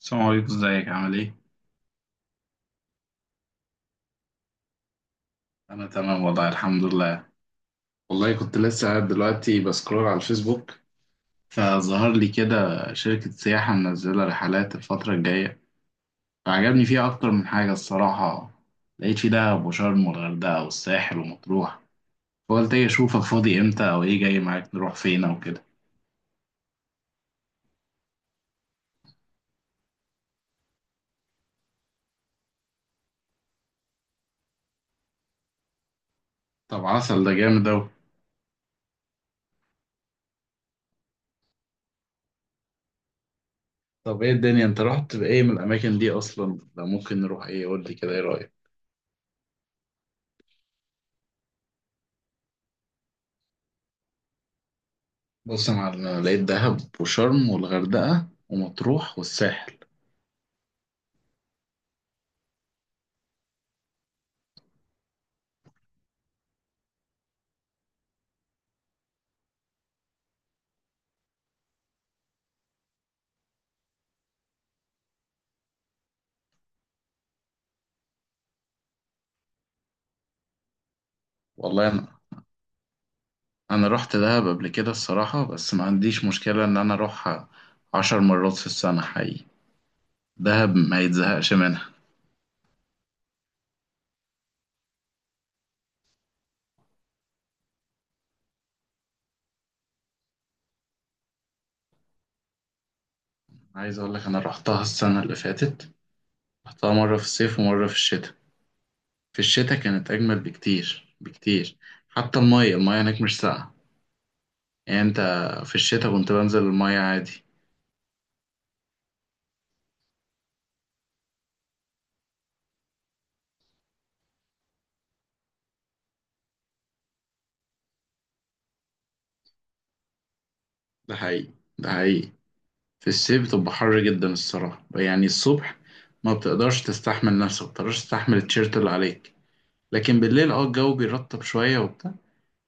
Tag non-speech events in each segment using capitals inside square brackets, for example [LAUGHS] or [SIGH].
السلام عليكم، ازيك؟ عامل ايه؟ انا تمام والله، الحمد لله. والله كنت لسه قاعد دلوقتي بسكرول على الفيسبوك، فظهر لي كده شركة سياحة منزلة رحلات الفترة الجاية. فعجبني فيها أكتر من حاجة الصراحة. لقيت في دهب وشرم والغردقة والساحل ومطروح. فقلت ايه، أشوفك فاضي امتى أو ايه جاي معاك نروح فين أو كده. طب عسل، ده جامد أوي. طب ايه الدنيا، انت رحت بإيه من الأماكن دي أصلا؟ ده ممكن نروح ايه؟ قول لي كده، ايه رأيك؟ بص يا معلم، انا لقيت دهب وشرم والغردقه ومطروح والساحل. والله انا رحت دهب قبل كده الصراحه. بس ما عنديش مشكله ان انا اروحها 10 مرات في السنه حقيقي. دهب ما يتزهقش منها. عايز اقول لك انا رحتها السنه اللي فاتت. رحتها مره في الصيف ومره في الشتاء. في الشتاء كانت اجمل بكتير بكتير. حتى الميه هناك مش ساقعه. يعني انت، في الشتاء كنت بنزل الميه عادي. ده حقيقي، ده حقيقي. في الصيف بتبقى حر جدا الصراحة، يعني الصبح ما بتقدرش تستحمل نفسك، ما بتقدرش تستحمل التيشيرت اللي عليك. لكن بالليل الجو بيرطب شوية وبتاع.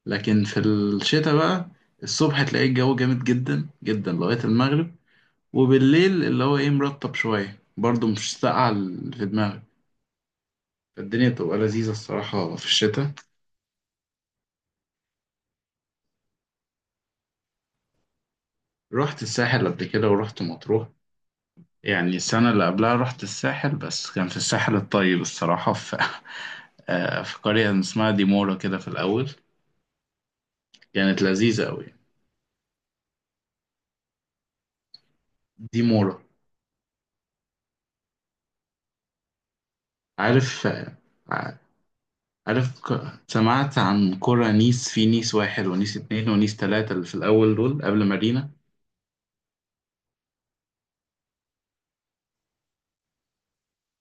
لكن في الشتاء بقى، الصبح تلاقي الجو جامد جدا جدا لغاية المغرب. وبالليل اللي هو ايه مرطب شوية برضه، مش ساقعة في دماغك. الدنيا بتبقى لذيذة الصراحة في الشتاء. رحت الساحل قبل كده ورحت مطروح. يعني السنة اللي قبلها رحت الساحل، بس كان في الساحل الطيب الصراحة، [LAUGHS] في قرية اسمها ديمورا كده في الأول. كانت لذيذة أوي. ديمورا. عارف آه، عارف سمعت عن قرى نيس، في نيس واحد ونيس اتنين ونيس تلاتة اللي في الأول دول قبل مارينا.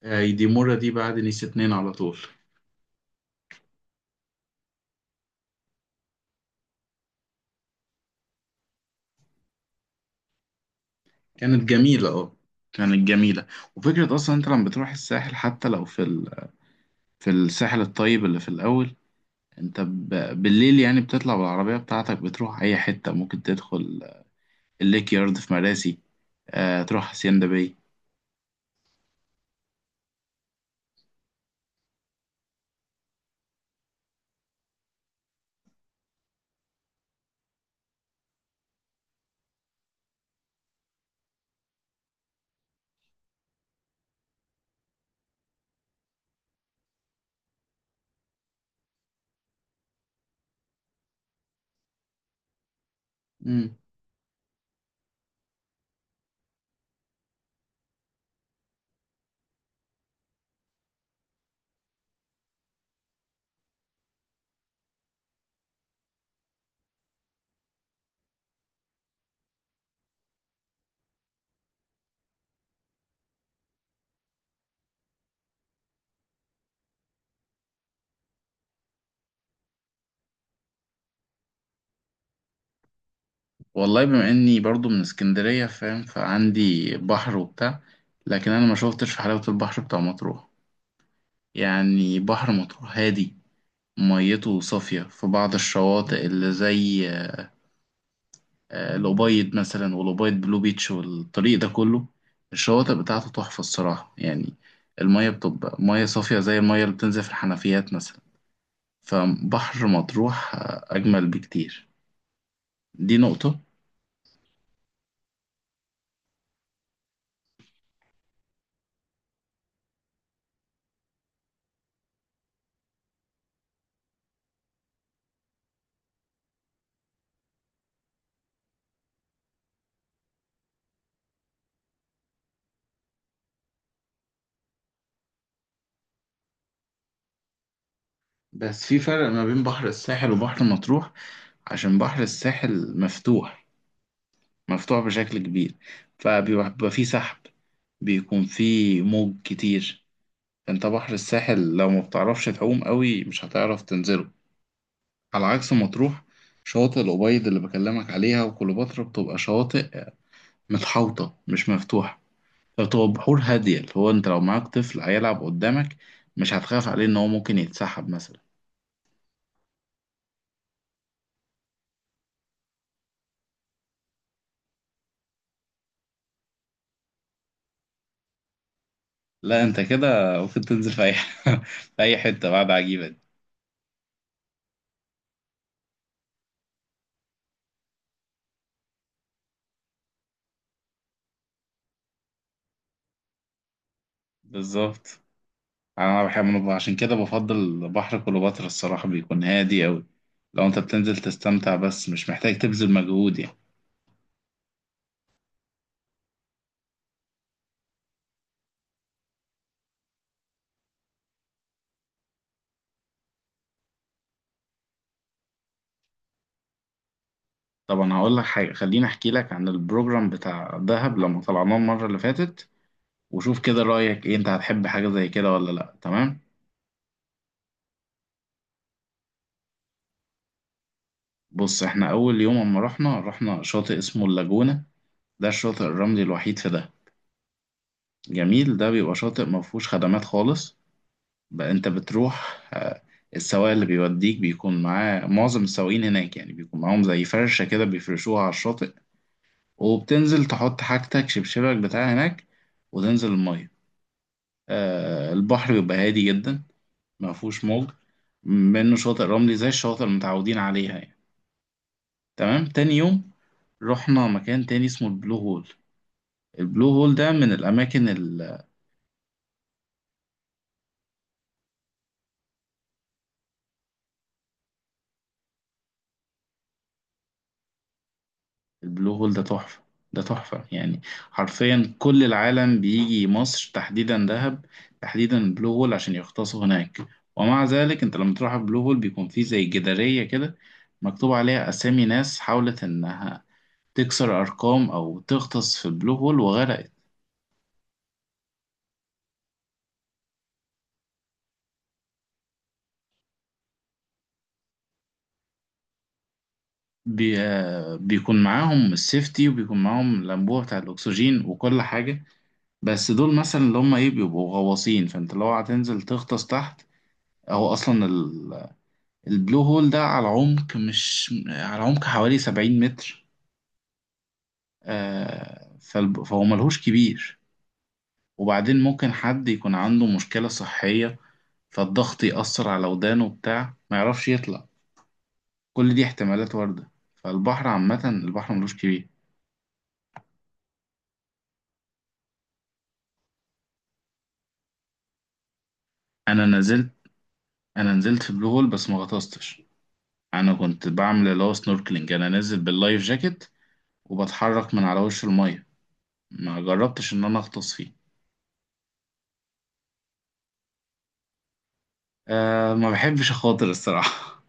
ديمورا دي بعد نيس اتنين على طول. كانت جميلة، كانت جميلة. وفكرة أصلا أنت لما بتروح الساحل حتى لو في الساحل الطيب اللي في الأول، انت بالليل يعني بتطلع بالعربية بتاعتك بتروح اي حتة ممكن تدخل الليك يارد في مراسي، آه تروح hacienda باي. امم والله بما اني برضو من اسكندرية فاهم، فعندي بحر وبتاع. لكن انا ما شوفتش في حلاوة البحر بتاع مطروح. يعني بحر مطروح هادي، ميته صافية في بعض الشواطئ اللي زي الأبيض مثلا، والأبيض بلو بيتش والطريق ده كله، الشواطئ بتاعته تحفة الصراحة يعني. المية بتبقى مية صافية زي المية اللي بتنزل في الحنفيات مثلا. فبحر مطروح أجمل بكتير. دي نقطة. بس في فرق ما بين بحر الساحل وبحر مطروح. عشان بحر الساحل مفتوح، مفتوح بشكل كبير. فبيبقى فيه سحب، بيكون فيه موج كتير. انت بحر الساحل لو ما بتعرفش تعوم قوي مش هتعرف تنزله، على عكس مطروح. شواطئ الأبيض اللي بكلمك عليها وكليوباترا بتبقى شواطئ متحوطة، مش مفتوحة. فبتبقى بحور هادية، اللي هو أنت لو معاك طفل هيلعب قدامك مش هتخاف عليه إن هو ممكن يتسحب مثلا. لا أنت كده ممكن تنزل في أي [LAUGHS] في أي حتة بعد عجيبة دي. بالظبط. أنا بحب عشان كده بفضل بحر كليوباترا الصراحة، بيكون هادي أوي. لو أنت بتنزل تستمتع بس مش محتاج تبذل مجهود يعني. طبعا هقول لك حاجة، خليني أحكي لك عن البروجرام بتاع دهب لما طلعناه المرة اللي فاتت، وشوف كده رأيك إيه، أنت هتحب حاجة زي كده ولا لأ، تمام؟ بص إحنا أول يوم أما رحنا شاطئ اسمه اللاجونة. ده الشاطئ الرملي الوحيد في دهب. جميل، ده بيبقى شاطئ مفهوش خدمات خالص. بقى أنت بتروح السواق اللي بيوديك بيكون معاه، معظم السواقين هناك يعني بيكون معاهم زي فرشة كده بيفرشوها على الشاطئ. وبتنزل تحط حاجتك شبشبك بتاع هناك وتنزل المية. البحر بيبقى هادي جدا. ما فيهوش موج. منه شاطئ رملي زي الشواطئ اللي متعودين عليها يعني. تمام. تاني يوم رحنا مكان تاني اسمه البلو هول. البلو هول ده من الأماكن. البلو هول ده تحفة. ده تحفة يعني، حرفيا كل العالم بيجي مصر تحديدا دهب، تحديدا البلو هول عشان يغطسوا هناك. ومع ذلك انت لما تروح البلو هول بيكون فيه زي جدارية كده مكتوب عليها أسامي ناس حاولت إنها تكسر أرقام أو تغطس في البلو هول وغرقت. بي... بيكون معاهم السيفتي، وبيكون معاهم الأنبوبة بتاع الأكسجين وكل حاجة. بس دول مثلا اللي هم إيه بيبقوا غواصين، فأنت لو هتنزل تغطس تحت، أو أصلا البلو هول ده على عمق مش على عمق حوالي 70 متر. فهو ملهوش كبير. وبعدين ممكن حد يكون عنده مشكلة صحية، فالضغط يأثر على ودانه بتاع، ما يعرفش يطلع. كل دي احتمالات واردة. فالبحر عامة البحر ملوش كبير. أنا نزلت أنا نزلت في البلو هول بس ما غطستش. أنا كنت بعمل اللي هو سنوركلينج، أنا نازل باللايف جاكيت وبتحرك من على وش المية. ما جربتش إن أنا أغطس فيه. أه ما بحبش أخاطر الصراحة.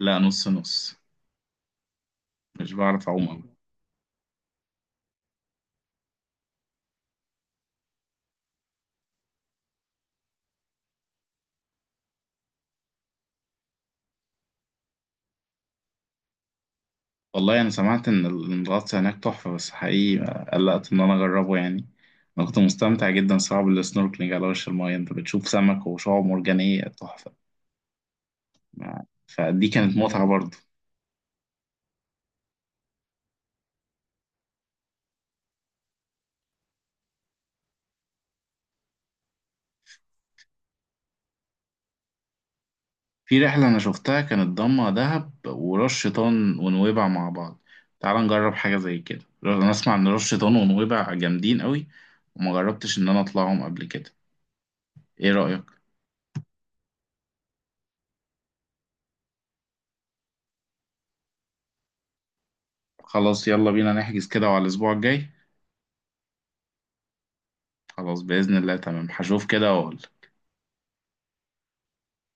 لا، نص نص. مش بعرف أعوم أوي. والله أنا سمعت إن إن الغطس هناك تحفة، بس حقيقي قلقت إن أنا أجربه يعني. أنا كنت مستمتع جدا صعب السنوركلينج على وش الماية، أنت بتشوف سمك وشعاب مرجانية تحفة. فدي كانت متعة برضه. في رحلة أنا شفتها كانت ضمة دهب وراس شيطان ونويبع مع بعض. تعال نجرب حاجة زي كده، أنا أسمع إن راس شيطان ونويبع جامدين قوي وما جربتش إن أنا أطلعهم قبل كده. إيه رأيك؟ خلاص يلا بينا نحجز كده على الأسبوع الجاي. خلاص بإذن الله تمام، هشوف كده وأقول.